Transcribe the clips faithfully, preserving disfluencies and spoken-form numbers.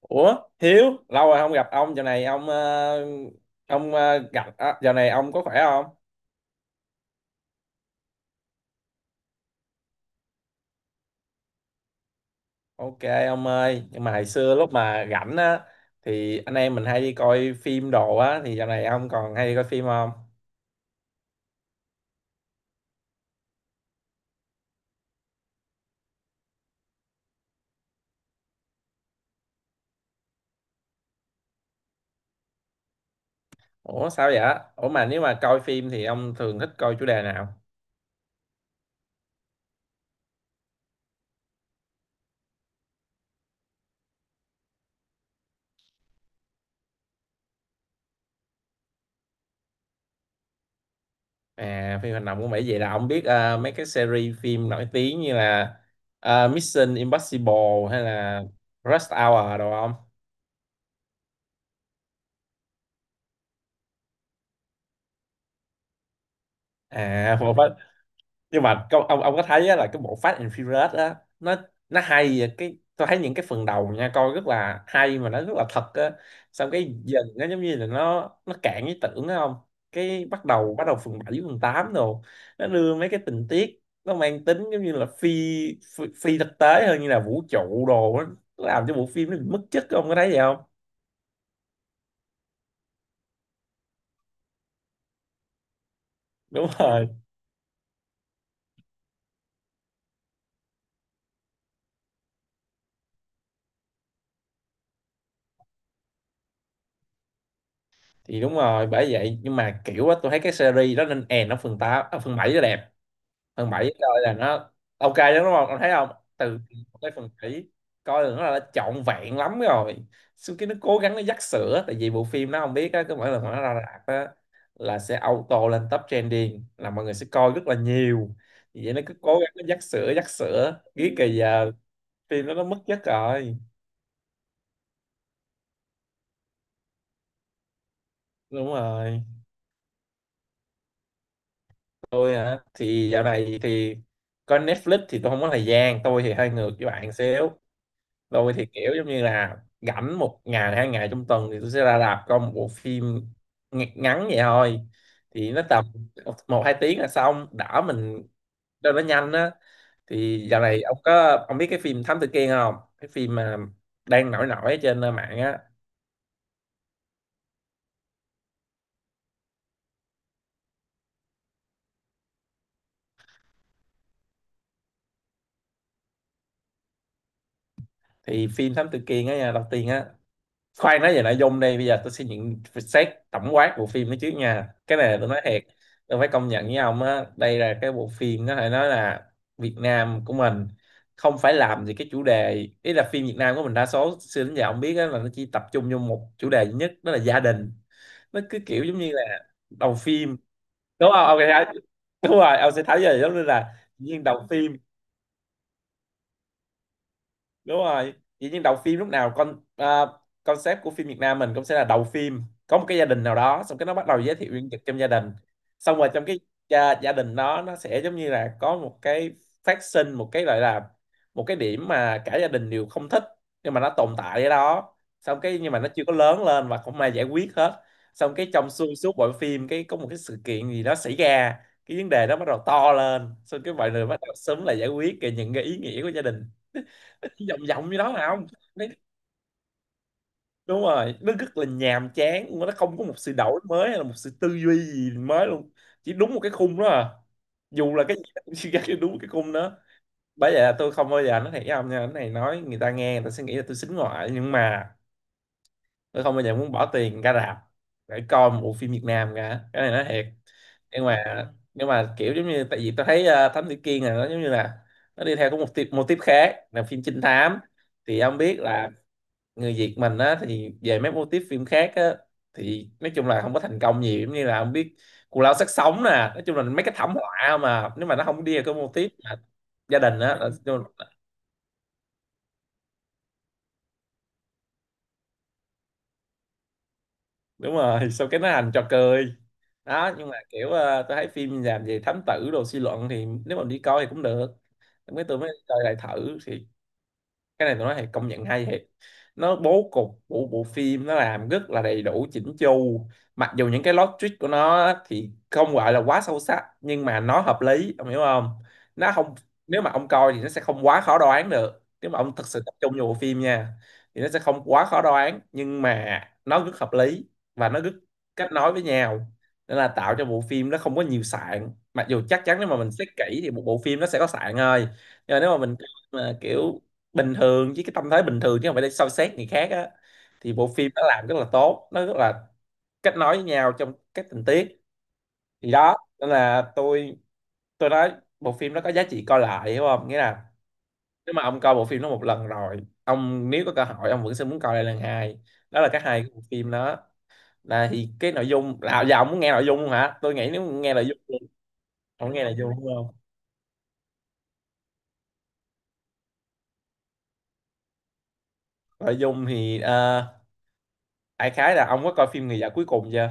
Ủa Hiếu, lâu rồi không gặp ông. Giờ này ông ờ, ông ờ, gặp à, giờ này ông có khỏe không? Ok ông ơi, nhưng mà hồi xưa lúc mà rảnh á thì anh em mình hay đi coi phim đồ á, thì giờ này ông còn hay đi coi phim không? Ủa sao vậy? Ủa mà nếu mà coi phim thì ông thường thích coi chủ đề nào? À, phim hành động cũng vậy. Vậy là ông biết ờ, mấy cái series phim nổi tiếng như là ờ, Mission Impossible hay là Rush Hour đồ không? À, nhưng mà câu ông ông có thấy á, là cái bộ Fast and Furious á, nó nó hay vậy. Cái tôi thấy những cái phần đầu nha, coi rất là hay mà nó rất là thật á, xong cái dần nó giống như là nó nó cạn ý tưởng á không? Cái bắt đầu bắt đầu phần bảy, phần tám đồ, nó đưa mấy cái tình tiết nó mang tính giống như là phi phi, phi thực tế hơn, như là vũ trụ đồ á. Nó làm cho bộ phim nó bị mất chất, ông có thấy vậy không? Đúng rồi, thì đúng rồi, bởi vậy. Nhưng mà kiểu á, tôi thấy cái series đó nên end ở phần tám. Ở phần bảy nó đẹp, thằng Bảy coi là nó ok lắm, đúng không ông thấy không? Từ cái phần bảy coi là nó là trọn vẹn lắm rồi. Sau khi nó cố gắng nó dắt sữa, tại vì bộ phim nó không biết á, cứ mỗi lần mà nó ra rạp á là sẽ auto lên top trending, là mọi người sẽ coi rất là nhiều. Vì vậy nó cứ cố gắng nó dắt sữa dắt sữa, biết kì giờ phim nó nó mất chất rồi. Đúng rồi. Tôi hả? Thì dạo này thì coi Netflix thì tôi không có thời gian. Tôi thì hơi ngược với bạn xíu. Tôi thì kiểu giống như là rảnh một ngày hai ngày trong tuần thì tôi sẽ ra rạp coi một bộ phim ng- ngắn vậy thôi, thì nó tầm một một, hai tiếng là xong, đỡ mình cho nó nhanh á. Thì dạo này ông có, ông biết cái phim Thám Tử Kiên không, cái phim mà đang nổi nổi trên mạng á? Thì phim Thám Tử Kiên á nha, đầu tiên á, khoan nói về nội dung. Đây bây giờ tôi sẽ nhận xét tổng quát bộ phim đó trước nha, cái này tôi nói thiệt. Tôi phải công nhận với ông á, đây là cái bộ phim có thể nói là Việt Nam của mình không phải làm gì cái chủ đề ý. Là phim Việt Nam của mình đa số xưa đến giờ ông biết á, là nó chỉ tập trung vô một chủ đề duy nhất, đó là gia đình. Nó cứ kiểu giống như là đầu phim, đúng không ông? Đúng rồi, ông sẽ thấy ra giống như là viên đầu phim, đúng rồi. Vậy nhưng đầu phim lúc nào con à, concept của phim Việt Nam mình cũng sẽ là đầu phim có một cái gia đình nào đó, xong cái nó bắt đầu giới thiệu nhân vật trong gia đình. Xong rồi trong cái gia, gia đình đó nó sẽ giống như là có một cái, phát sinh một cái gọi là một cái điểm mà cả gia đình đều không thích, nhưng mà nó tồn tại ở đó. Xong cái nhưng mà nó chưa có lớn lên và không ai giải quyết hết. Xong cái trong xuyên suốt bộ phim cái có một cái sự kiện gì đó xảy ra, cái vấn đề đó bắt đầu to lên, xong cái mọi người bắt đầu sớm là giải quyết cái những cái ý nghĩa của gia đình. Vòng vòng như đó mà không. Đấy, đúng rồi, nó rất là nhàm chán luôn á. Nó không có một sự đổi mới hay là một sự tư duy gì mới luôn, chỉ đúng một cái khung đó à. Dù là cái gì nó cũng chỉ ra cái đúng cái khung đó. Bởi vậy là tôi không bao giờ, nó thiệt với ông nha, cái này nói người ta nghe người ta sẽ nghĩ là tôi xính ngoại, nhưng mà tôi không bao giờ muốn bỏ tiền ra rạp để coi một bộ phim Việt Nam cả, cái này nói thiệt. Nhưng mà nhưng mà kiểu giống như, tại vì tôi thấy ờ, Thám Tử Kiên là nó giống như là nó đi theo có một tiếp, một tiếp khác là phim trinh thám. Thì ông biết là người Việt mình á, thì về mấy mô típ phim khác á thì nói chung là không có thành công nhiều, giống như là không biết Cù Lao Xác Sống nè, nói chung là mấy cái thảm họa. Mà nếu mà nó không đi vào cái mô típ mà gia đình á là- đúng rồi. Sau cái nó thành trò cười đó. Nhưng mà kiểu ờ, tôi thấy phim làm về thám tử đồ, suy luận, thì nếu mà đi coi thì cũng được. Lúc ấy tôi mới coi lại thử thì, cái này tôi nói thiệt, công nhận hay thiệt. Nó bố cục của bộ phim nó làm rất là đầy đủ, chỉnh chu. Mặc dù những cái logic của nó á thì không gọi là quá sâu sắc, nhưng mà nó hợp lý, ông hiểu không? Nó không, nếu mà ông coi thì nó sẽ không quá khó đoán được, nếu mà ông thật sự tập trung vào bộ phim nha, thì nó sẽ không quá khó đoán, nhưng mà nó rất hợp lý và nó rất kết nối với nhau. Nên là tạo cho bộ phim nó không có nhiều sạn, mặc dù chắc chắn nếu mà mình xét kỹ thì một bộ phim nó sẽ có sạn thôi. Nhưng mà nếu mà mình mà kiểu bình thường, với cái tâm thế bình thường chứ không phải để soi xét người khác á, thì bộ phim nó làm rất là tốt, nó rất là kết nối với nhau trong các tình tiết. Thì đó, nên là tôi tôi nói bộ phim nó có giá trị coi lại, hiểu không? Nghĩa là nếu mà ông coi bộ phim nó một lần rồi, ông nếu có cơ hội ông vẫn sẽ muốn coi lại lần hai. Đó là cái hay của bộ phim đó. Là thì cái nội dung là, giờ ông muốn nghe nội dung không hả? Tôi nghĩ nếu nghe nội dung thì- ông nghe nội dung, đúng không? Nội dung thì ờ, đại khái là, ông có coi phim Người Vợ Cuối Cùng chưa?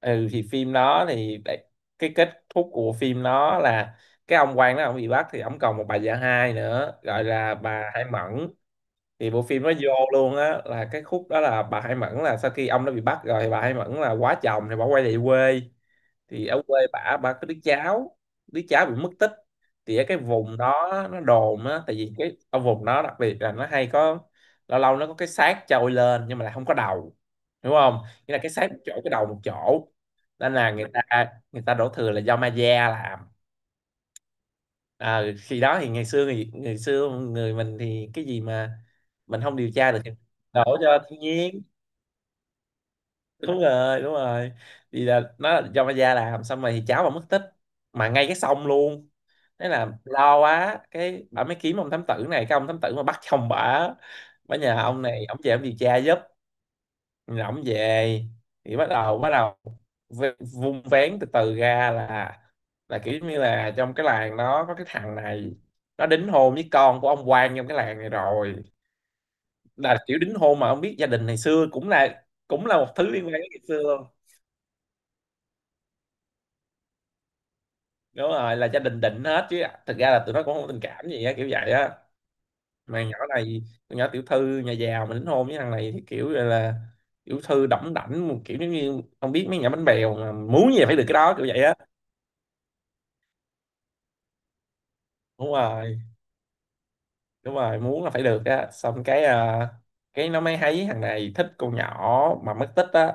Ừ, thì phim đó thì đại- cái kết thúc của phim nó là cái ông quan đó ông bị bắt, thì ông còn một bà vợ hai nữa gọi là bà Hải Mẫn. Thì bộ phim nó vô luôn á, là cái khúc đó là bà Hải Mẫn là sau khi ông đã bị bắt rồi, thì bà Hải Mẫn là quá chồng thì bà quay về quê. Thì ở quê bả, bả có đứa cháu, đứa cháu bị mất tích. Thì ở cái vùng đó nó đồn á, tại vì cái ở vùng đó đặc biệt là nó hay có, lâu lâu nó có cái xác trôi lên nhưng mà lại không có đầu, đúng không? Nghĩa là cái xác một chỗ, cái đầu một chỗ. Nên là người ta người ta đổ thừa là do ma da làm. À, khi đó thì ngày xưa, thì ngày xưa người mình thì cái gì mà mình không điều tra được thì đổ cho thiên nhiên, đúng rồi, đúng rồi. Thì là nó là do ma gia làm. Xong rồi thì cháu mà mất tích mà ngay cái sông luôn. Thế là lo quá, cái bà mới kiếm ông thám tử này, cái ông thám tử mà bắt chồng bà bà nhờ ông này ông về ông điều tra giúp. Rồi ông về thì bắt đầu bắt đầu v- vung vén từ từ ra là là kiểu như là trong cái làng đó có cái thằng này, nó đính hôn với con của ông quan trong cái làng này rồi. Là kiểu đính hôn mà ông biết, gia đình ngày xưa, cũng là cũng là một thứ liên quan đến ngày xưa, đúng rồi. Là gia đình định hết, chứ thực ra là tụi nó cũng không có tình cảm gì á, kiểu vậy á. Mà nhỏ này, con nhỏ tiểu thư nhà giàu mà đính hôn với thằng này, thì kiểu là, là tiểu thư đỏng đảnh, một kiểu giống như không biết mấy nhà bánh bèo, mà muốn gì là phải được cái đó, kiểu vậy á. Đúng rồi, đúng rồi, muốn là phải được á. Xong cái à, cái nó mới thấy thằng này thích con nhỏ mà mất tích á.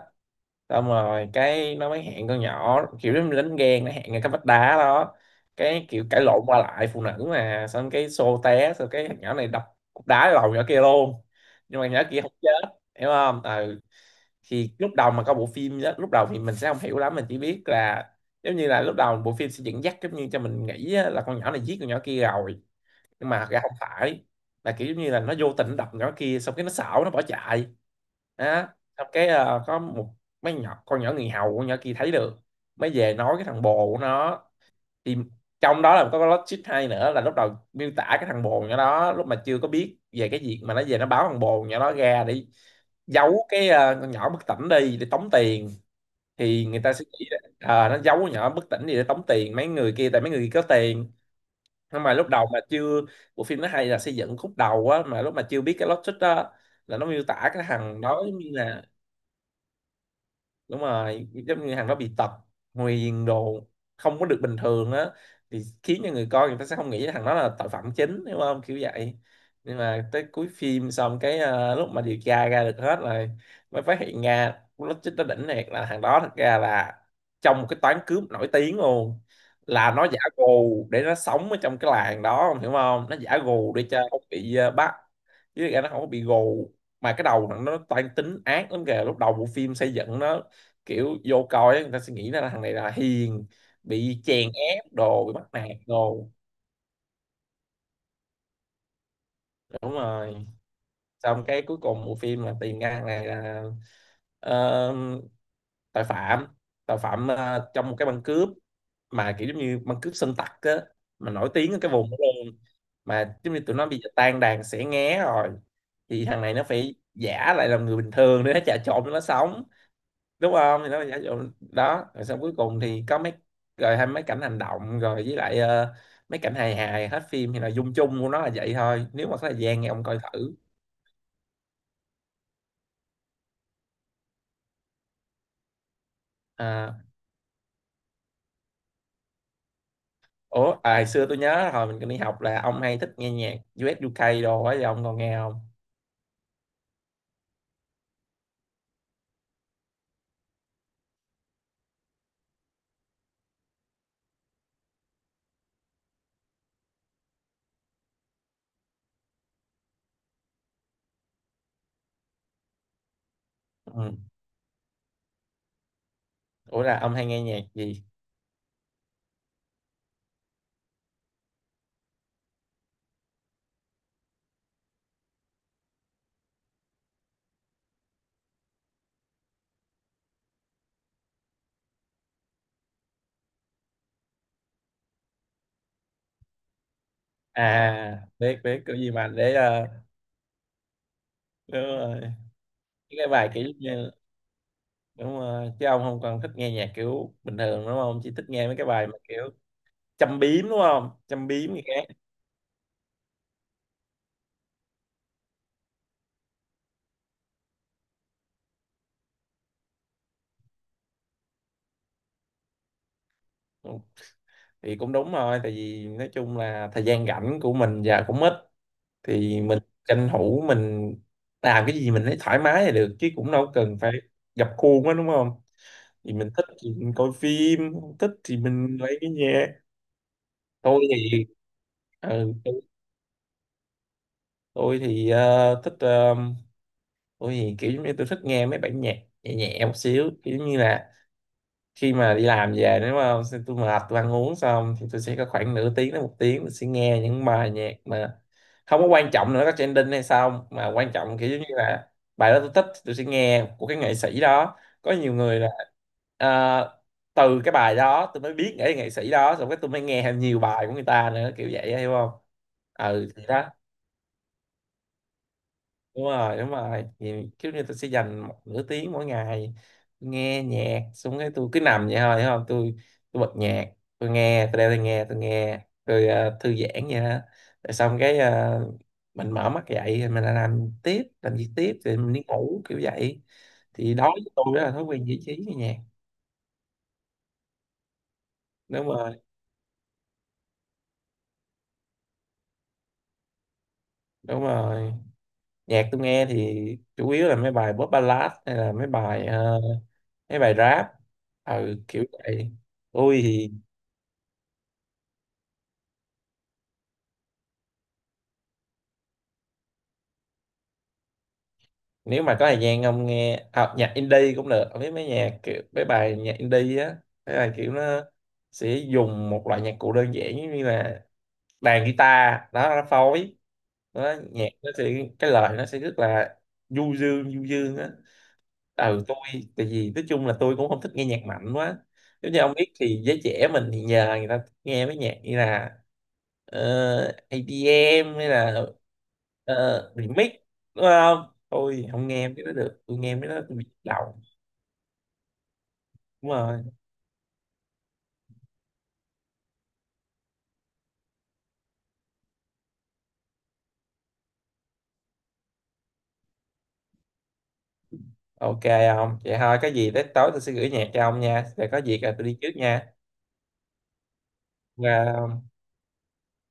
Xong rồi cái nó mới hẹn con nhỏ, kiểu nó như đánh ghen, nó hẹn ngay cái vách đá đó. Cái kiểu cãi lộn qua lại phụ nữ mà, xong cái xô té, xong cái thằng nhỏ này đập cục đá vào đầu nhỏ kia luôn. Nhưng mà nhỏ kia không chết, hiểu không. Ừ, thì lúc đầu mà có bộ phim đó, lúc đầu thì mình sẽ không hiểu lắm, mình chỉ biết là giống như là lúc đầu bộ phim sẽ dẫn dắt giống như cho mình nghĩ á, là con nhỏ này giết con nhỏ kia rồi. Nhưng mà thật ra không phải, là kiểu giống như là nó vô tình đập nhỏ kia xong cái nó xảo, nó bỏ chạy đó. Xong cái ờ, có một mấy nhỏ, con nhỏ người hầu con nhỏ kia thấy được, mới về nói cái thằng bồ của nó. Thì trong đó là có cái logic hay nữa là lúc đầu miêu tả cái thằng bồ nhỏ đó lúc mà chưa có biết về cái việc mà nó về nó báo thằng bồ nhỏ đó ra để giấu cái ờ, con nhỏ bất tỉnh đi để tống tiền. Thì người ta sẽ nghĩ là, ờ, nó giấu con nhỏ bất tỉnh đi để tống tiền mấy người kia, tại mấy người kia có tiền. Nhưng mà lúc đầu mà chưa, bộ phim nó hay là xây dựng khúc đầu á, mà lúc mà chưa biết cái logic đó là nó miêu tả cái thằng đó giống như là đúng rồi, giống như thằng đó bị tật nguyền đồ, không có được bình thường á, thì khiến cho người coi người ta sẽ không nghĩ thằng đó là tội phạm chính, đúng không, kiểu vậy. Nhưng mà tới cuối phim xong cái ờ, lúc mà điều tra ra được hết rồi mới phát hiện ra nó, chính nó đỉnh thiệt, là thằng đó thật ra là trong một cái toán cướp nổi tiếng luôn. Là nó giả gù để nó sống ở trong cái làng đó, ông hiểu không, nó giả gù để cho không bị ờ, bắt, chứ thật ra nó không có bị gù. Mà cái đầu nó, nó toan tính ác lắm kìa. Lúc đầu bộ phim xây dựng nó kiểu vô coi ấy, người ta sẽ nghĩ là thằng này là hiền, bị chèn ép đồ, bị bắt nạt đồ. Đúng rồi, xong cái cuối cùng bộ phim là tìm ra thằng này là ờ, tội phạm, tội phạm ờ, trong một cái băng cướp. Mà kiểu giống như băng cướp sơn tặc á, mà nổi tiếng ở cái vùng đó luôn. Mà giống như tụi nó bây giờ tan đàn xẻ nghé rồi, thì thằng này nó phải giả lại làm người bình thường để nó trà trộn cho nó sống, đúng không, thì nó là giả dụ đó. Rồi xong cuối cùng thì có mấy, rồi hay mấy cảnh hành động, rồi với lại ờ, mấy cảnh hài hài hết phim. Thì là dung chung của nó là vậy thôi, nếu mà có thời gian thì ông coi thử. À, ủa à, hồi xưa tôi nhớ hồi mình còn đi học là ông hay thích nghe nhạc U ét U ca đồ ấy, thì ông còn nghe không? Ừ. Ủa là ông hay nghe nhạc gì? À, biết biết cái gì mà để ờ, đúng rồi cái bài kiểu như, đúng rồi, chứ ông không còn thích nghe nhạc kiểu bình thường đúng không, chỉ thích nghe mấy cái bài mà kiểu châm biếm đúng không, châm biếm nghe. Ừ, thì cũng đúng rồi, tại vì nói chung là thời gian rảnh của mình giờ cũng ít, thì mình tranh thủ mình làm cái gì mình thấy thoải mái là được, chứ cũng đâu cần phải gập khuôn quá đúng không. Thì mình thích thì mình coi phim, không thích thì mình lấy cái nhạc. Tôi thì ừ, tôi thì ờ, thích ờ, tôi thì kiểu giống như tôi thích nghe mấy bản nhạc nhẹ nhẹ một xíu, kiểu như là khi mà đi làm về đúng không. Xong tôi mệt, tôi ăn uống xong thì tôi sẽ có khoảng nửa tiếng đến một tiếng tôi sẽ nghe những bài nhạc mà không có quan trọng nữa có trending hay sao, mà quan trọng kiểu giống như là bài đó tôi thích, tôi sẽ nghe của cái nghệ sĩ đó, có nhiều người là ờ, từ cái bài đó tôi mới biết nghệ nghệ sĩ đó, xong cái tôi mới nghe thêm nhiều bài của người ta nữa kiểu vậy á, hiểu không. Ừ thì đó, đúng rồi đúng rồi, thì kiểu như tôi sẽ dành một nửa tiếng mỗi ngày nghe nhạc, xong cái tôi cứ nằm vậy thôi hiểu không. Tôi tôi bật nhạc, tôi nghe, tôi đeo tai nghe tôi nghe, tôi ờ, thư giãn vậy đó. Rồi xong cái ờ, mình mở mắt dậy thì mình lại làm tiếp, làm việc tiếp thì mình đi ngủ kiểu vậy. Thì đối với tôi đó là thói quen giải trí nghe nhạc. Đúng rồi, đúng rồi. Nhạc tôi nghe thì chủ yếu là mấy bài pop ballad, hay là mấy bài ờ, mấy bài rap. Ừ kiểu vậy. Tôi thì nếu mà có thời gian ông nghe à, nhạc indie cũng được, ông biết mấy nhạc kiểu mấy bài nhạc indie á, mấy bài kiểu nó sẽ dùng một loại nhạc cụ đơn giản giống như là đàn guitar đó nó phối đó, nhạc nó sẽ, cái lời nó sẽ rất là du dương, du dương á. Ừ tôi, tại vì nói chung là tôi cũng không thích nghe nhạc mạnh quá, giống như ông biết thì giới trẻ mình thì nhờ người ta nghe mấy nhạc như là uh, E đê em hay là ờ, remix đúng không. Tôi không nghe mấy đó được, tôi nghe mấy đó tôi bị đầu. Đúng rồi, ok, không vậy thôi, có gì tới tối tôi sẽ gửi nhạc cho ông nha, rồi có việc là tôi đi trước nha. Và